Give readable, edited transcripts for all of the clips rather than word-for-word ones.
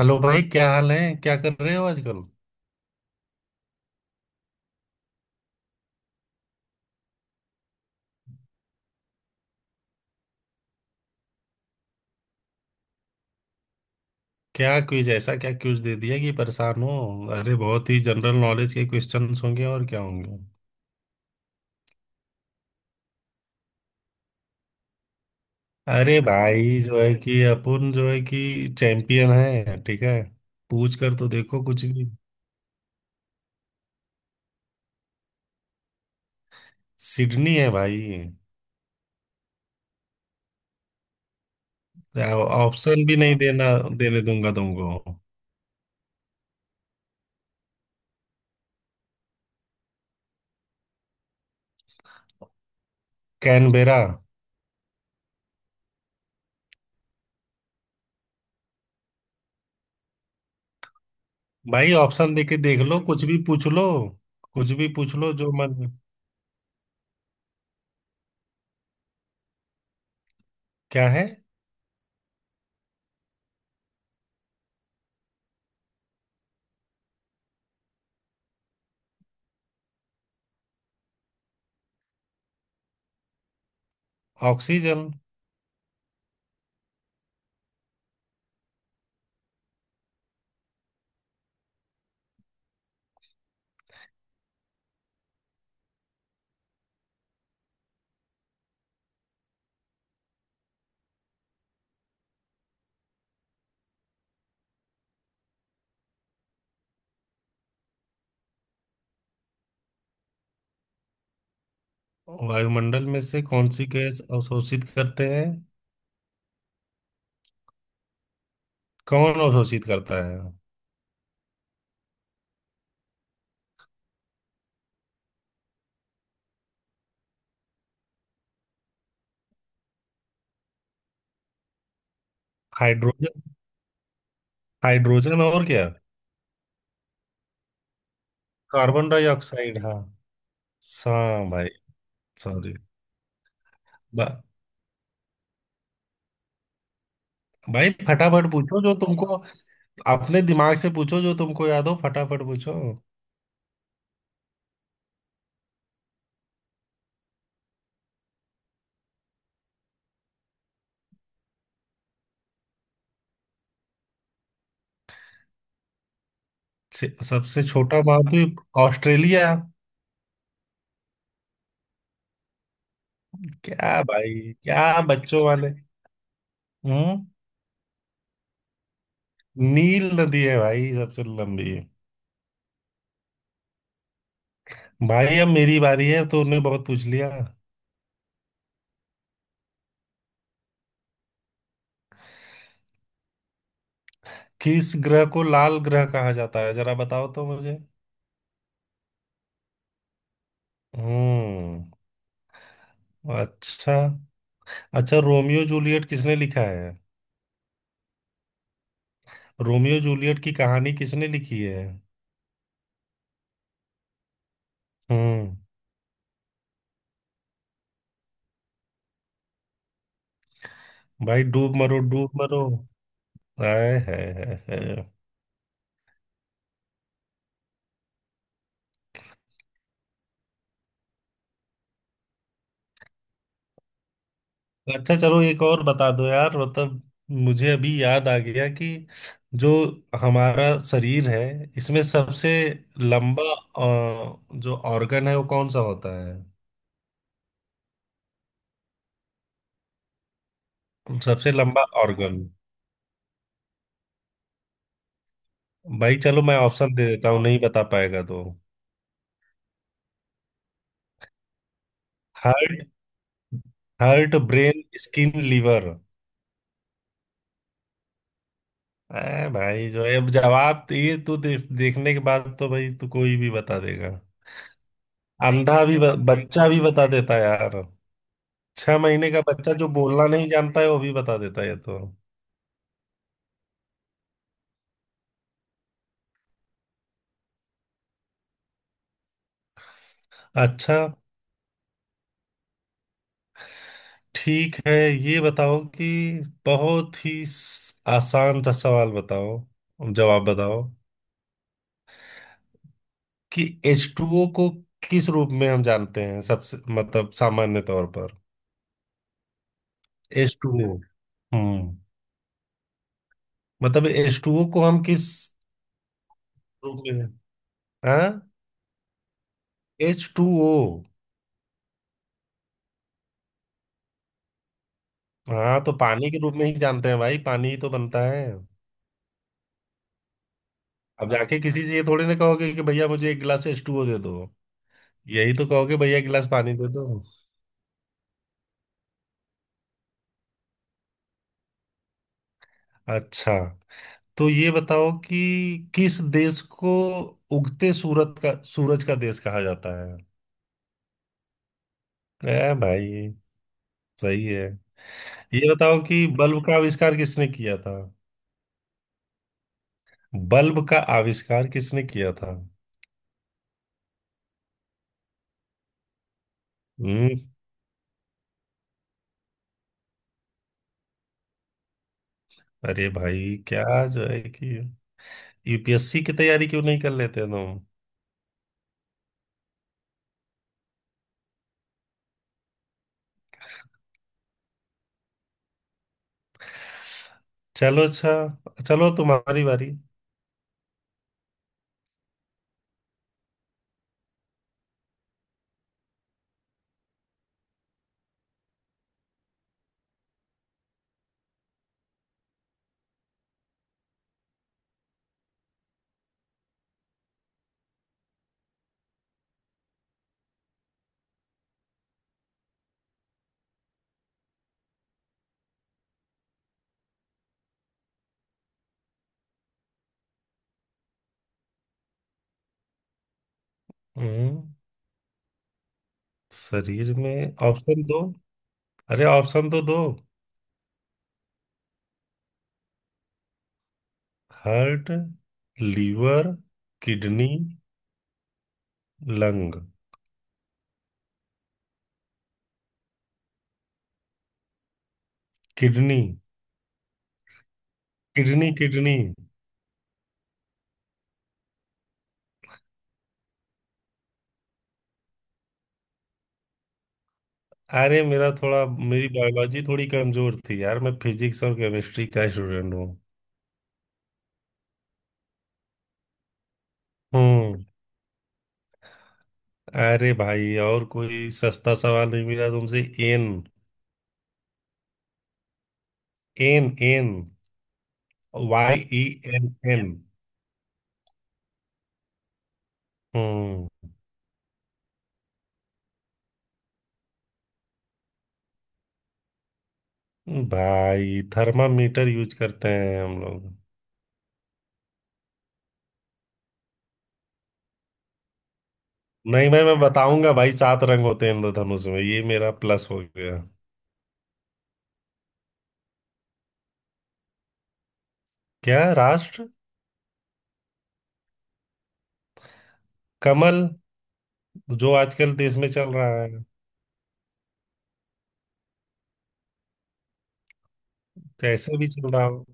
Hello भाई, क्या हाल है? क्या कर रहे हो आजकल? क्या क्विज? ऐसा क्या क्विज दे दिया कि परेशान हो? अरे बहुत ही जनरल नॉलेज के क्वेश्चंस होंगे और क्या होंगे। अरे भाई, जो है कि अपन जो है कि चैंपियन है, ठीक है। पूछ कर तो देखो कुछ भी। सिडनी है भाई। ऑप्शन भी नहीं देना, देने दूंगा तुमको। कैनबेरा। भाई ऑप्शन देके देख लो, कुछ भी पूछ लो, कुछ भी पूछ लो जो मन। क्या है? ऑक्सीजन। वायुमंडल में से कौन सी गैस अवशोषित करते हैं? कौन अवशोषित करता है? हाइड्रोजन। हाइड्रोजन और क्या? Carbon dioxide. हाँ, हाँ भाई। सॉरी। बा, भाई फटाफट पूछो जो तुमको। अपने दिमाग से पूछो जो तुमको याद हो, फटाफट पूछो। सबसे छोटा महाद्वीप? ऑस्ट्रेलिया। क्या भाई? क्या बच्चों वाले। हम्म। नील नदी है भाई, सबसे लंबी। भाई अब मेरी बारी है, तो उन्हें बहुत पूछ लिया। किस ग्रह को लाल ग्रह कहा जाता है, जरा बताओ तो मुझे। हम्म। अच्छा। अच्छा, रोमियो जूलियट किसने लिखा है? रोमियो जूलियट की कहानी किसने लिखी है? हम्म। भाई डूब मरो, डूब मरो। आए है, है। अच्छा चलो एक और बता दो यार, मतलब मुझे अभी याद आ गया कि जो हमारा शरीर है, इसमें सबसे लंबा जो ऑर्गन है, वो कौन सा होता है? सबसे लंबा ऑर्गन। भाई चलो मैं ऑप्शन दे देता हूँ, नहीं बता पाएगा तो। Heart. Heart, brain, skin, liver. ए भाई, जो है, अब जवाब तो ये तो दे, देखने के बाद तो भाई तू कोई भी बता देगा। अंधा भी, बच्चा भी बता देता है यार। 6 महीने का बच्चा जो बोलना नहीं जानता है, वो भी बता देता है ये तो। अच्छा। ठीक है, ये बताओ कि बहुत ही आसान सा सवाल बताओ, जवाब बताओ, कि एच टू ओ को किस रूप में हम जानते हैं, सबसे मतलब सामान्य तौर पर? H2O। हम्म। मतलब H2O को हम किस रूप में? हाँ। H2O। हाँ, तो पानी के रूप में ही जानते हैं भाई, पानी ही तो बनता है। अब जाके किसी से ये थोड़ी ना कहोगे कि भैया मुझे एक गिलास H2O दे दो। यही तो कहोगे, भैया एक गिलास पानी दे दो। अच्छा, तो ये बताओ कि किस देश को उगते सूरत का, सूरज का देश कहा जाता है? ए भाई, सही है। ये बताओ कि बल्ब का आविष्कार किसने किया था? बल्ब का आविष्कार किसने किया था? हम्म। अरे भाई, क्या जो है कि यूपीएससी की तैयारी क्यों नहीं कर लेते तुम? चलो अच्छा, चलो तुम्हारी बारी। हम्म। शरीर में? ऑप्शन दो। अरे ऑप्शन तो दो। Heart, liver, kidney, lung. Kidney kidney kidney. अरे मेरा थोड़ा, मेरी बायोलॉजी थोड़ी कमजोर थी यार, मैं फिजिक्स और केमिस्ट्री का स्टूडेंट हूँ। हम्म। अरे भाई और कोई सस्ता सवाल नहीं मिला तुमसे? N N N. Y E N. N. हम्म। भाई थर्मामीटर यूज करते हैं हम लोग। नहीं, मैं बताऊंगा भाई। 7 रंग होते हैं इंद्रधनुष में, ये मेरा प्लस हो गया। क्या राष्ट्र? कमल, जो आजकल देश में चल रहा है। कैसे भी चल रहा हो।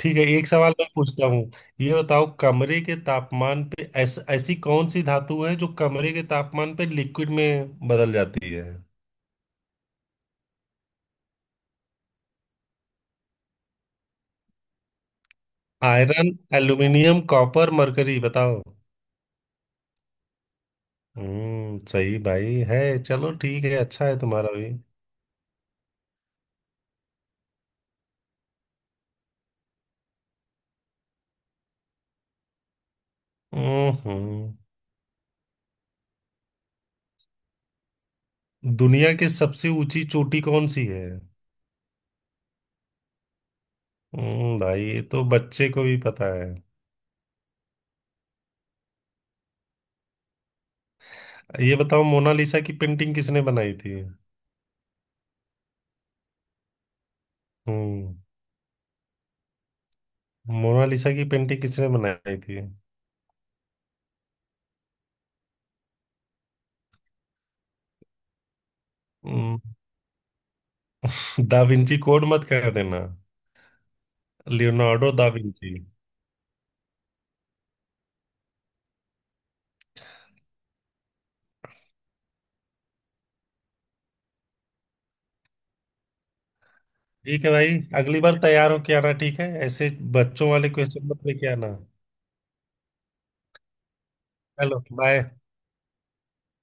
ठीक है, एक सवाल मैं पूछता हूँ। ये बताओ कमरे के तापमान पे, ऐसी कौन सी धातु है जो कमरे के तापमान पे लिक्विड में बदल जाती है? आयरन, एल्यूमिनियम, कॉपर, मरकरी, बताओ। हम्म, सही भाई है। चलो ठीक है, अच्छा है तुम्हारा भी। हम्म। हम्म। दुनिया की सबसे ऊंची चोटी कौन सी है? हम्म, भाई ये तो बच्चे को भी पता है। ये बताओ मोनालिसा की पेंटिंग किसने बनाई थी? हम्म। मोनालिसा की पेंटिंग किसने बनाई थी? हम्म। दा विंची कोड मत कह देना। Leonardo da Vinci. ठीक है भाई, अगली बार तैयार होके आना, ठीक है ऐसे। बच्चों वाले क्वेश्चन मत लेके आना। चलो बाय।